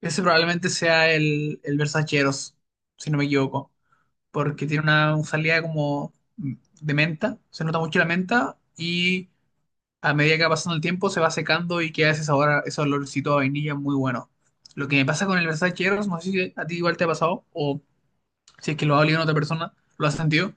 Ese probablemente sea el Versaceros, si no me equivoco, porque tiene una salida como de menta, se nota mucho la menta y a medida que va pasando el tiempo se va secando y queda ese ese olorcito a vainilla muy bueno. Lo que me pasa con el Versaceros, no sé si a ti igual te ha pasado o si es que lo ha olido en otra persona, lo has sentido,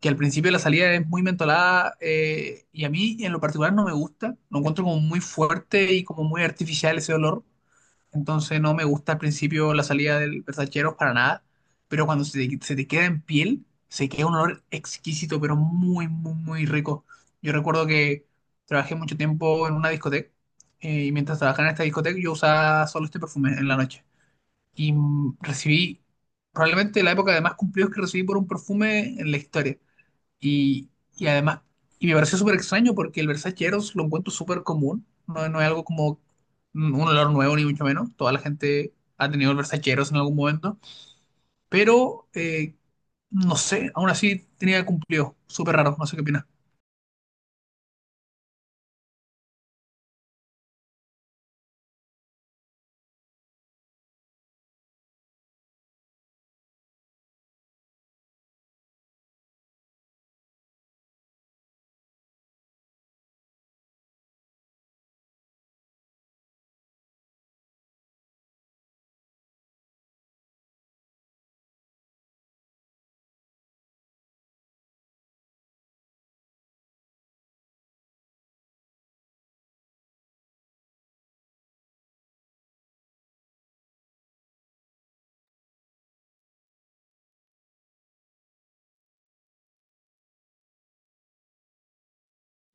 que al principio la salida es muy mentolada y a mí en lo particular no me gusta, lo encuentro como muy fuerte y como muy artificial ese olor, entonces no me gusta al principio la salida del Versaceros para nada, pero cuando se te queda en piel, se queda un olor exquisito, pero muy, muy, muy rico. Yo recuerdo que trabajé mucho tiempo en una discoteca, y mientras trabajaba en esta discoteca yo usaba solo este perfume en la noche. Y recibí probablemente la época de más cumplidos que recibí por un perfume en la historia. Y, y además, y me pareció súper extraño porque el Versace Eros lo encuentro súper común. No es algo como un olor nuevo, ni mucho menos. Toda la gente ha tenido el Versace Eros en algún momento. Pero, no sé, aún así tenía cumplido. Súper raro, no sé qué opinas.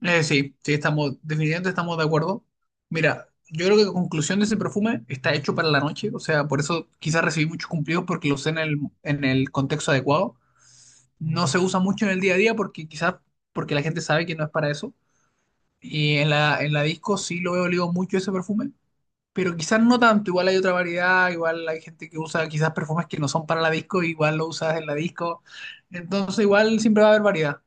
Sí, sí, estamos, definitivamente estamos de acuerdo. Mira, yo creo que la conclusión de ese perfume está hecho para la noche. O sea, por eso quizás recibí muchos cumplidos porque lo usé en el contexto adecuado. No se usa mucho en el día a día porque quizás porque la gente sabe que no es para eso. Y en la disco sí lo he olido mucho ese perfume, pero quizás no tanto. Igual hay otra variedad, igual hay gente que usa quizás perfumes que no son para la disco, igual lo usas en la disco. Entonces igual siempre va a haber variedad.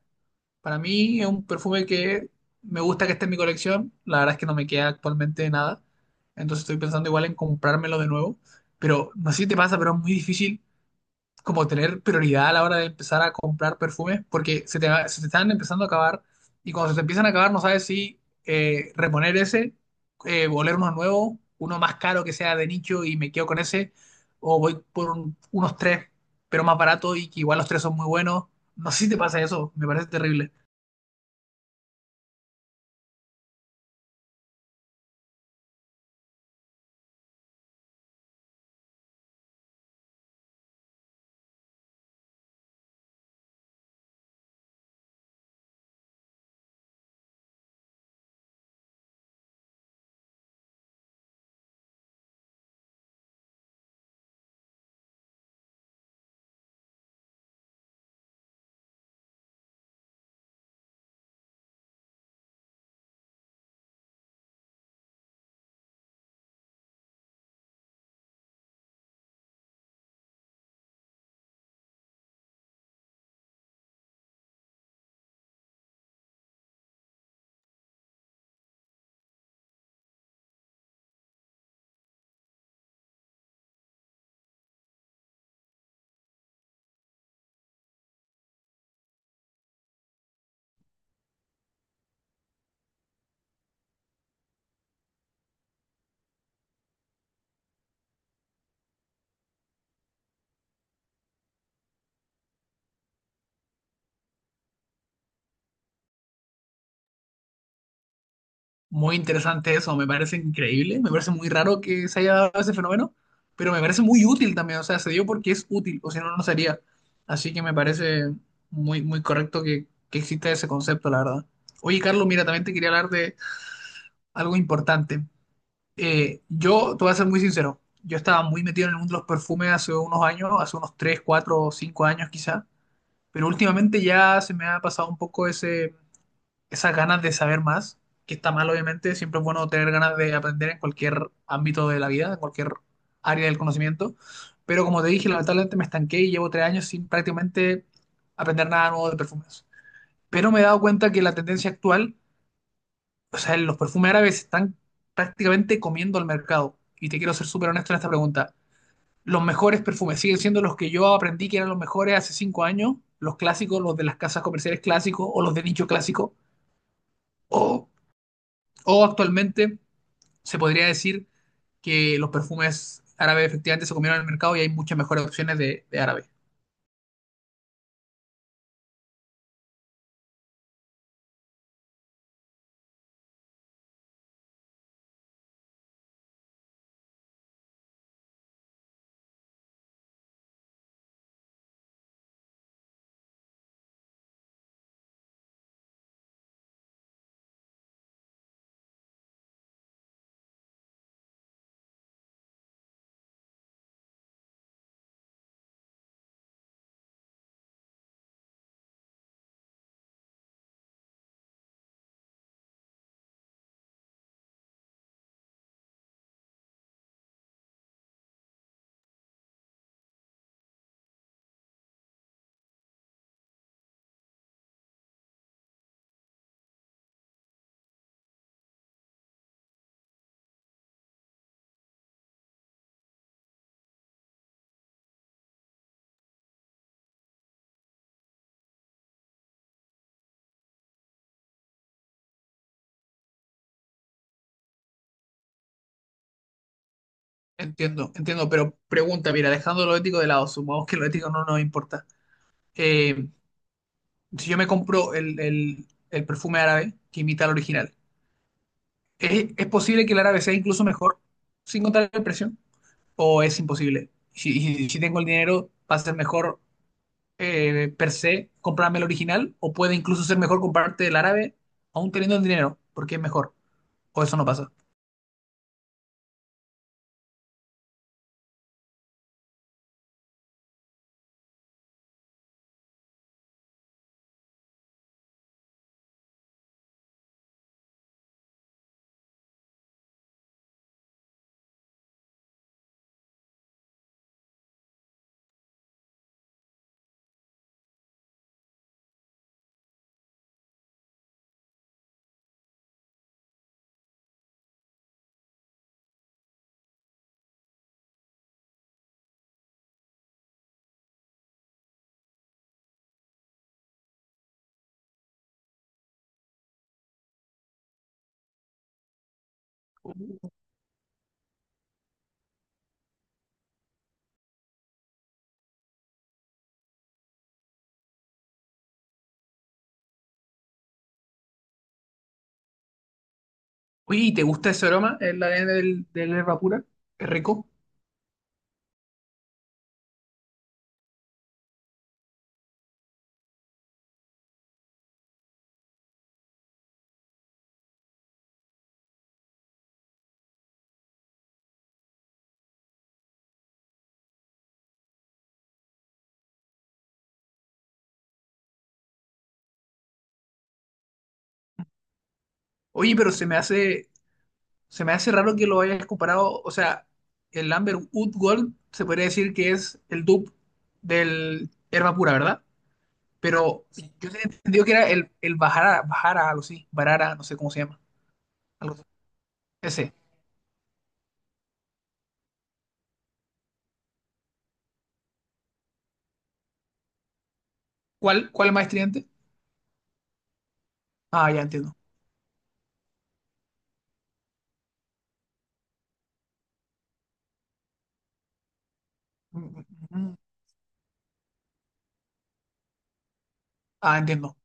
Para mí es un perfume que me gusta que esté en mi colección. La verdad es que no me queda actualmente nada. Entonces estoy pensando igual en comprármelo de nuevo. Pero no sé si te pasa, pero es muy difícil como tener prioridad a la hora de empezar a comprar perfumes, porque se te están empezando a acabar y cuando se te empiezan a acabar no sabes si reponer ese, oler uno nuevo, uno más caro que sea de nicho y me quedo con ese, o voy por unos tres, pero más barato y que igual los tres son muy buenos. No sé si te pasa eso, me parece terrible. Muy interesante eso, me parece increíble, me parece muy raro que se haya dado ese fenómeno, pero me parece muy útil también, o sea, se dio porque es útil, o si no, no sería. Así que me parece muy, muy correcto que exista ese concepto, la verdad. Oye, Carlos, mira, también te quería hablar de algo importante. Te voy a ser muy sincero, yo estaba muy metido en el mundo de los perfumes hace unos años, hace unos 3 4 5 años quizá, pero últimamente ya se me ha pasado un poco ese esas ganas de saber más, que está mal obviamente, siempre es bueno tener ganas de aprender en cualquier ámbito de la vida, en cualquier área del conocimiento, pero como te dije, lamentablemente me estanqué y llevo tres años sin prácticamente aprender nada nuevo de perfumes. Pero me he dado cuenta que la tendencia actual, o sea, los perfumes árabes están prácticamente comiendo el mercado. Y te quiero ser súper honesto en esta pregunta. ¿Los mejores perfumes siguen siendo los que yo aprendí que eran los mejores hace cinco años, los clásicos, los de las casas comerciales clásicos o los de nicho clásico, o O actualmente se podría decir que los perfumes árabes efectivamente se comieron en el mercado y hay muchas mejores opciones de árabe? Entiendo, entiendo, pero pregunta, mira, dejando lo ético de lado, supongamos que lo ético no nos importa. Eh, si yo me compro el perfume árabe que imita al original, es posible que el árabe sea incluso mejor sin contar el precio? ¿O es imposible? Si tengo el dinero, ¿va a ser mejor per se comprarme el original o puede incluso ser mejor comprarte el árabe aún teniendo el dinero porque es mejor? ¿O eso no pasa? Oye, ¿y te gusta ese aroma? El ADN del yerba pura. Es rico. Oye, pero se me hace raro que lo hayas comparado. O sea, el Amber Wood Gold se podría decir que es el dupe del hierba pura, ¿verdad? Pero sí, yo tenía entendido que era el Bajara, Bajara, algo así. Barara, no sé cómo se llama. Algo así. Ese. ¿Cuál, cuál es más estridente? Ah, ya entiendo. Ah, entiendo,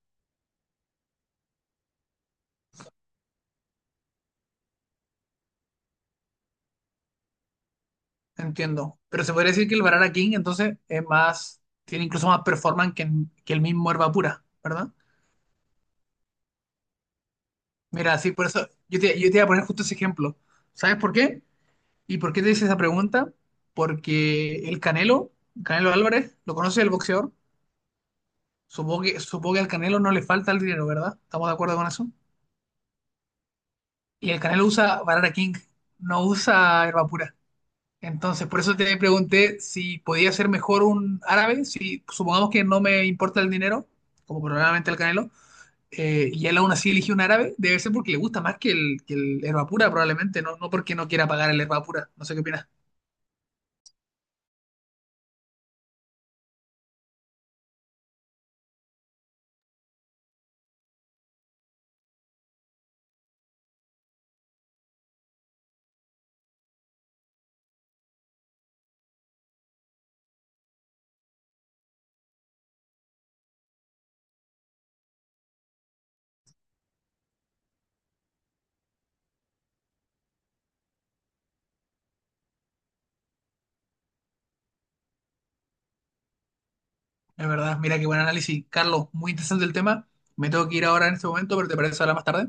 entiendo. Pero se podría decir que el Barara King entonces es más, tiene incluso más performance que el mismo Herba Pura, ¿verdad? Mira, sí, por eso yo te iba a poner justo ese ejemplo. ¿Sabes por qué? ¿Y por qué te hice esa pregunta? Porque el Canelo, Canelo Álvarez, lo conoce, el boxeador. Supongo que al Canelo no le falta el dinero, ¿verdad? ¿Estamos de acuerdo con eso? Y el Canelo usa Barara King, no usa Herba Pura. Entonces, por eso te pregunté si podía ser mejor un árabe, si supongamos que no me importa el dinero, como probablemente el Canelo, y él aún así eligió un árabe, debe ser porque le gusta más que el Herba Pura, probablemente, no, no porque no quiera pagar el Herba Pura. No sé qué opinas. Es verdad, mira qué buen análisis. Carlos, muy interesante el tema. Me tengo que ir ahora en este momento, pero ¿te parece hablar más tarde?